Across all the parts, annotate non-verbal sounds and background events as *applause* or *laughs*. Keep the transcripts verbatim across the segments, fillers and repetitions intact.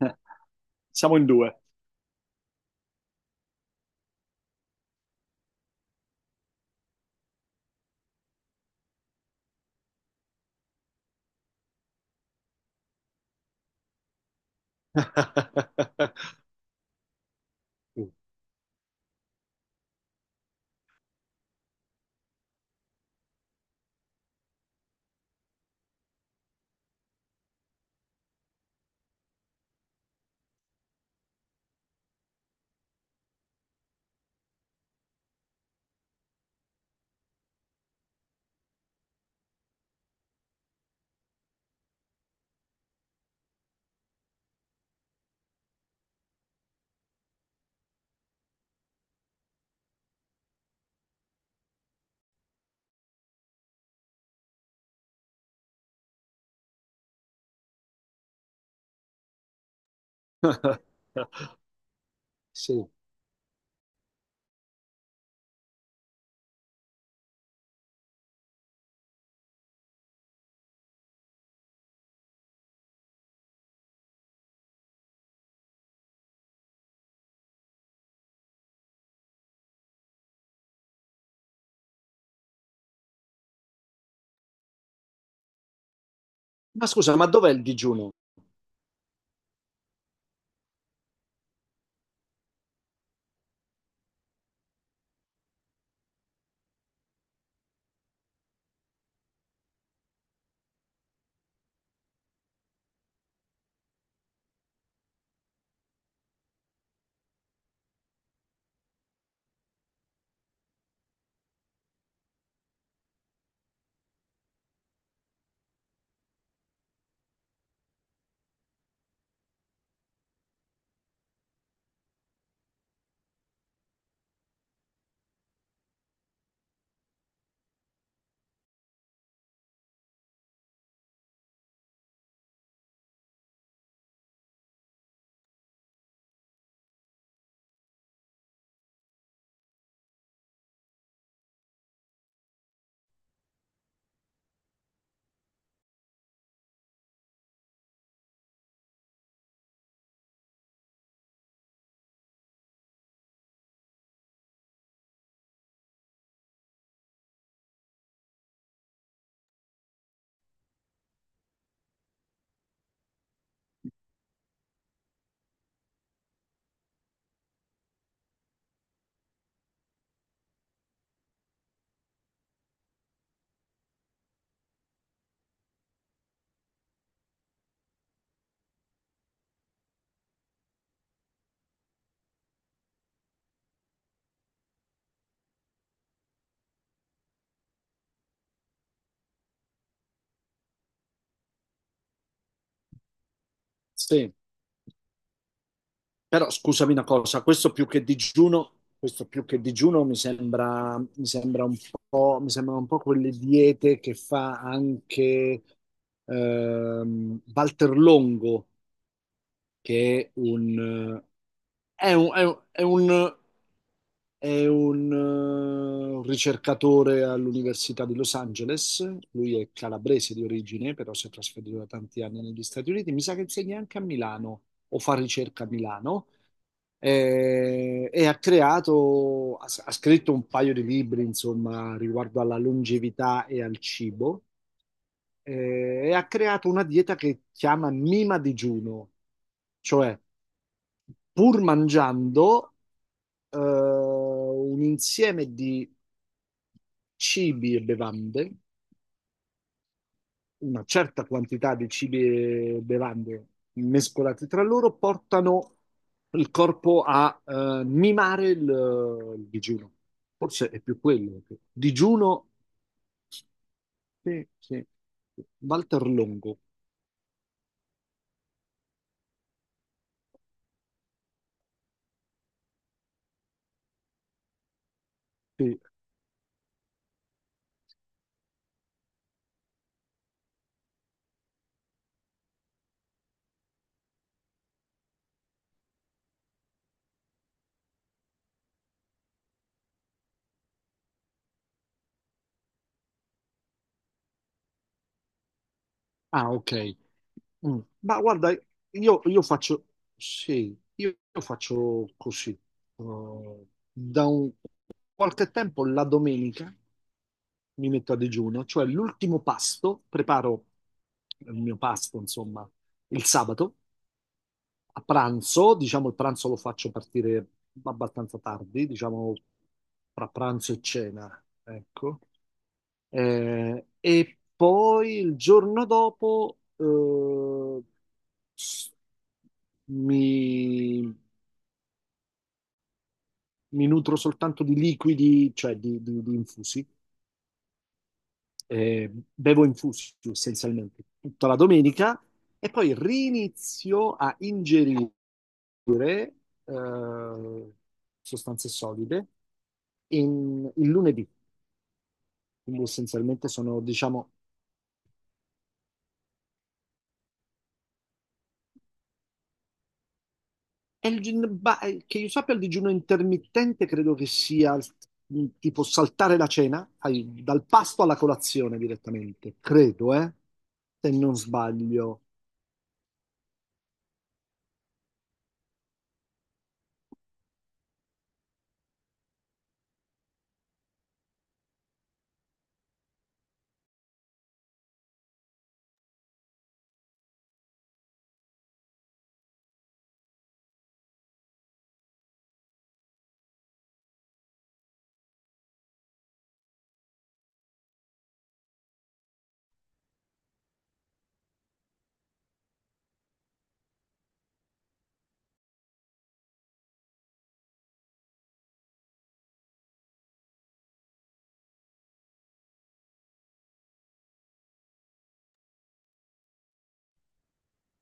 *laughs* Siamo in due. *laughs* Sì. Ma scusa, ma dov'è il digiuno? Sì. Però scusami una cosa, questo più che digiuno, questo più che digiuno mi sembra, mi sembra un po', mi sembrano un po' quelle diete che fa anche ehm, Walter Longo, che è un, eh, è un, è un- è un È un eh, ricercatore all'Università di Los Angeles. Lui è calabrese di origine, però si è trasferito da tanti anni negli Stati Uniti, mi sa che insegna anche a Milano o fa ricerca a Milano. Eh, e ha creato, ha, ha scritto un paio di libri, insomma, riguardo alla longevità e al cibo. Eh, e ha creato una dieta che chiama Mima digiuno, cioè pur mangiando eh, un insieme di cibi e bevande, una certa quantità di cibi e bevande mescolati tra loro, portano il corpo a eh, mimare il, il digiuno. Forse è più quello. che- Digiuno, sì, sì. Walter Longo. Sì. Ah, ok. Mm. Ma guarda, io, io faccio, sì, io, io faccio così. Eh, da un- qualche tempo la domenica mi metto a digiuno, cioè l'ultimo pasto, preparo il mio pasto, insomma, il sabato a pranzo, diciamo il pranzo lo faccio partire abbastanza tardi, diciamo tra pranzo e cena, ecco. Eh, e poi il giorno dopo eh, s- mi, mi nutro soltanto di liquidi, cioè di, di- di infusi. Eh, bevo infusi essenzialmente tutta la domenica e poi rinizio a ingerire eh, sostanze solide in- il lunedì. Quindi essenzialmente sono, diciamo, è il gin- ba- eh, che io sappia il digiuno intermittente credo che sia il- tipo saltare la cena, fai dal pasto alla colazione direttamente, credo, eh, se non sbaglio.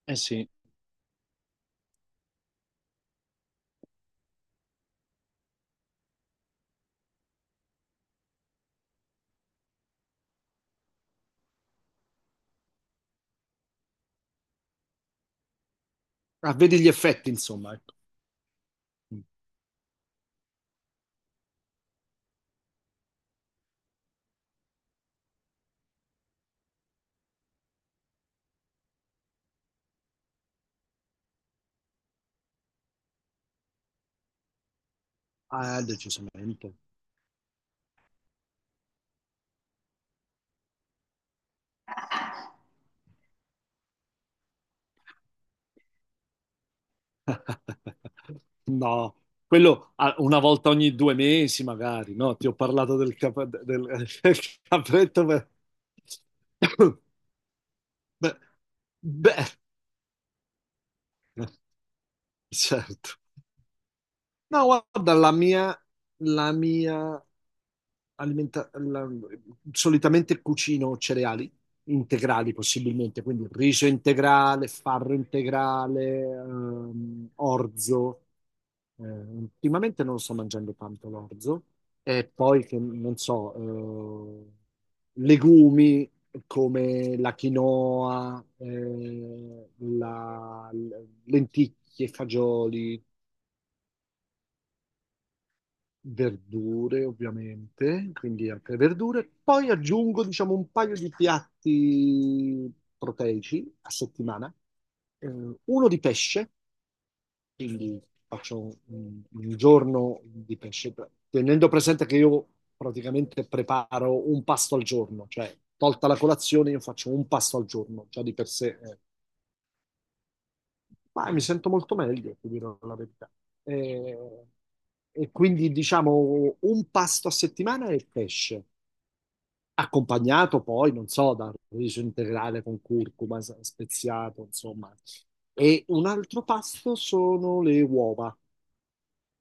Eh sì, ah, vedi gli effetti, insomma, ecco. Ah, decisamente. *laughs* No, quello ah, una volta ogni due mesi magari, no? Ti ho parlato del, cap- del- *laughs* del capretto per... *coughs* Beh, beh, *laughs* certo. No, guarda, la mia, la mia alimenta- la- solitamente cucino cereali integrali possibilmente, quindi riso integrale, farro integrale, ehm, orzo. Eh, ultimamente non sto mangiando tanto l'orzo e poi che non so, eh, legumi come la quinoa, eh, la- l- lenticchie, fagioli, verdure ovviamente, quindi altre verdure. Poi aggiungo, diciamo, un paio di piatti proteici a settimana, eh, uno di pesce, quindi faccio un, un giorno di pesce, tenendo presente che io praticamente preparo un pasto al giorno, cioè tolta la colazione io faccio un pasto al giorno, già di per sé è ma mi sento molto meglio, ti dirò la verità. E, e quindi diciamo un pasto a settimana è il pesce, accompagnato poi, non so, da riso integrale con curcuma s- speziato, insomma. E un altro pasto sono le uova.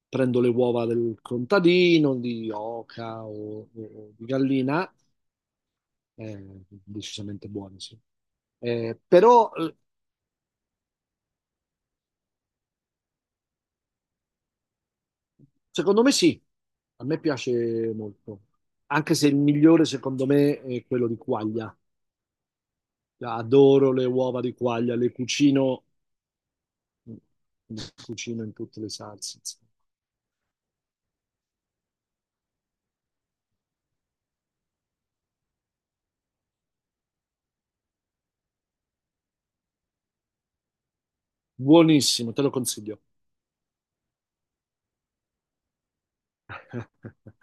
Prendo le uova del contadino, di oca o, o- o di gallina, eh, decisamente buone, sì. Eh, però eh, Secondo me sì, a me piace molto, anche se il migliore secondo me è quello di quaglia. Cioè, adoro le uova di quaglia, le cucino, le cucino in tutte le salse, insomma. Buonissimo, te lo consiglio. *laughs*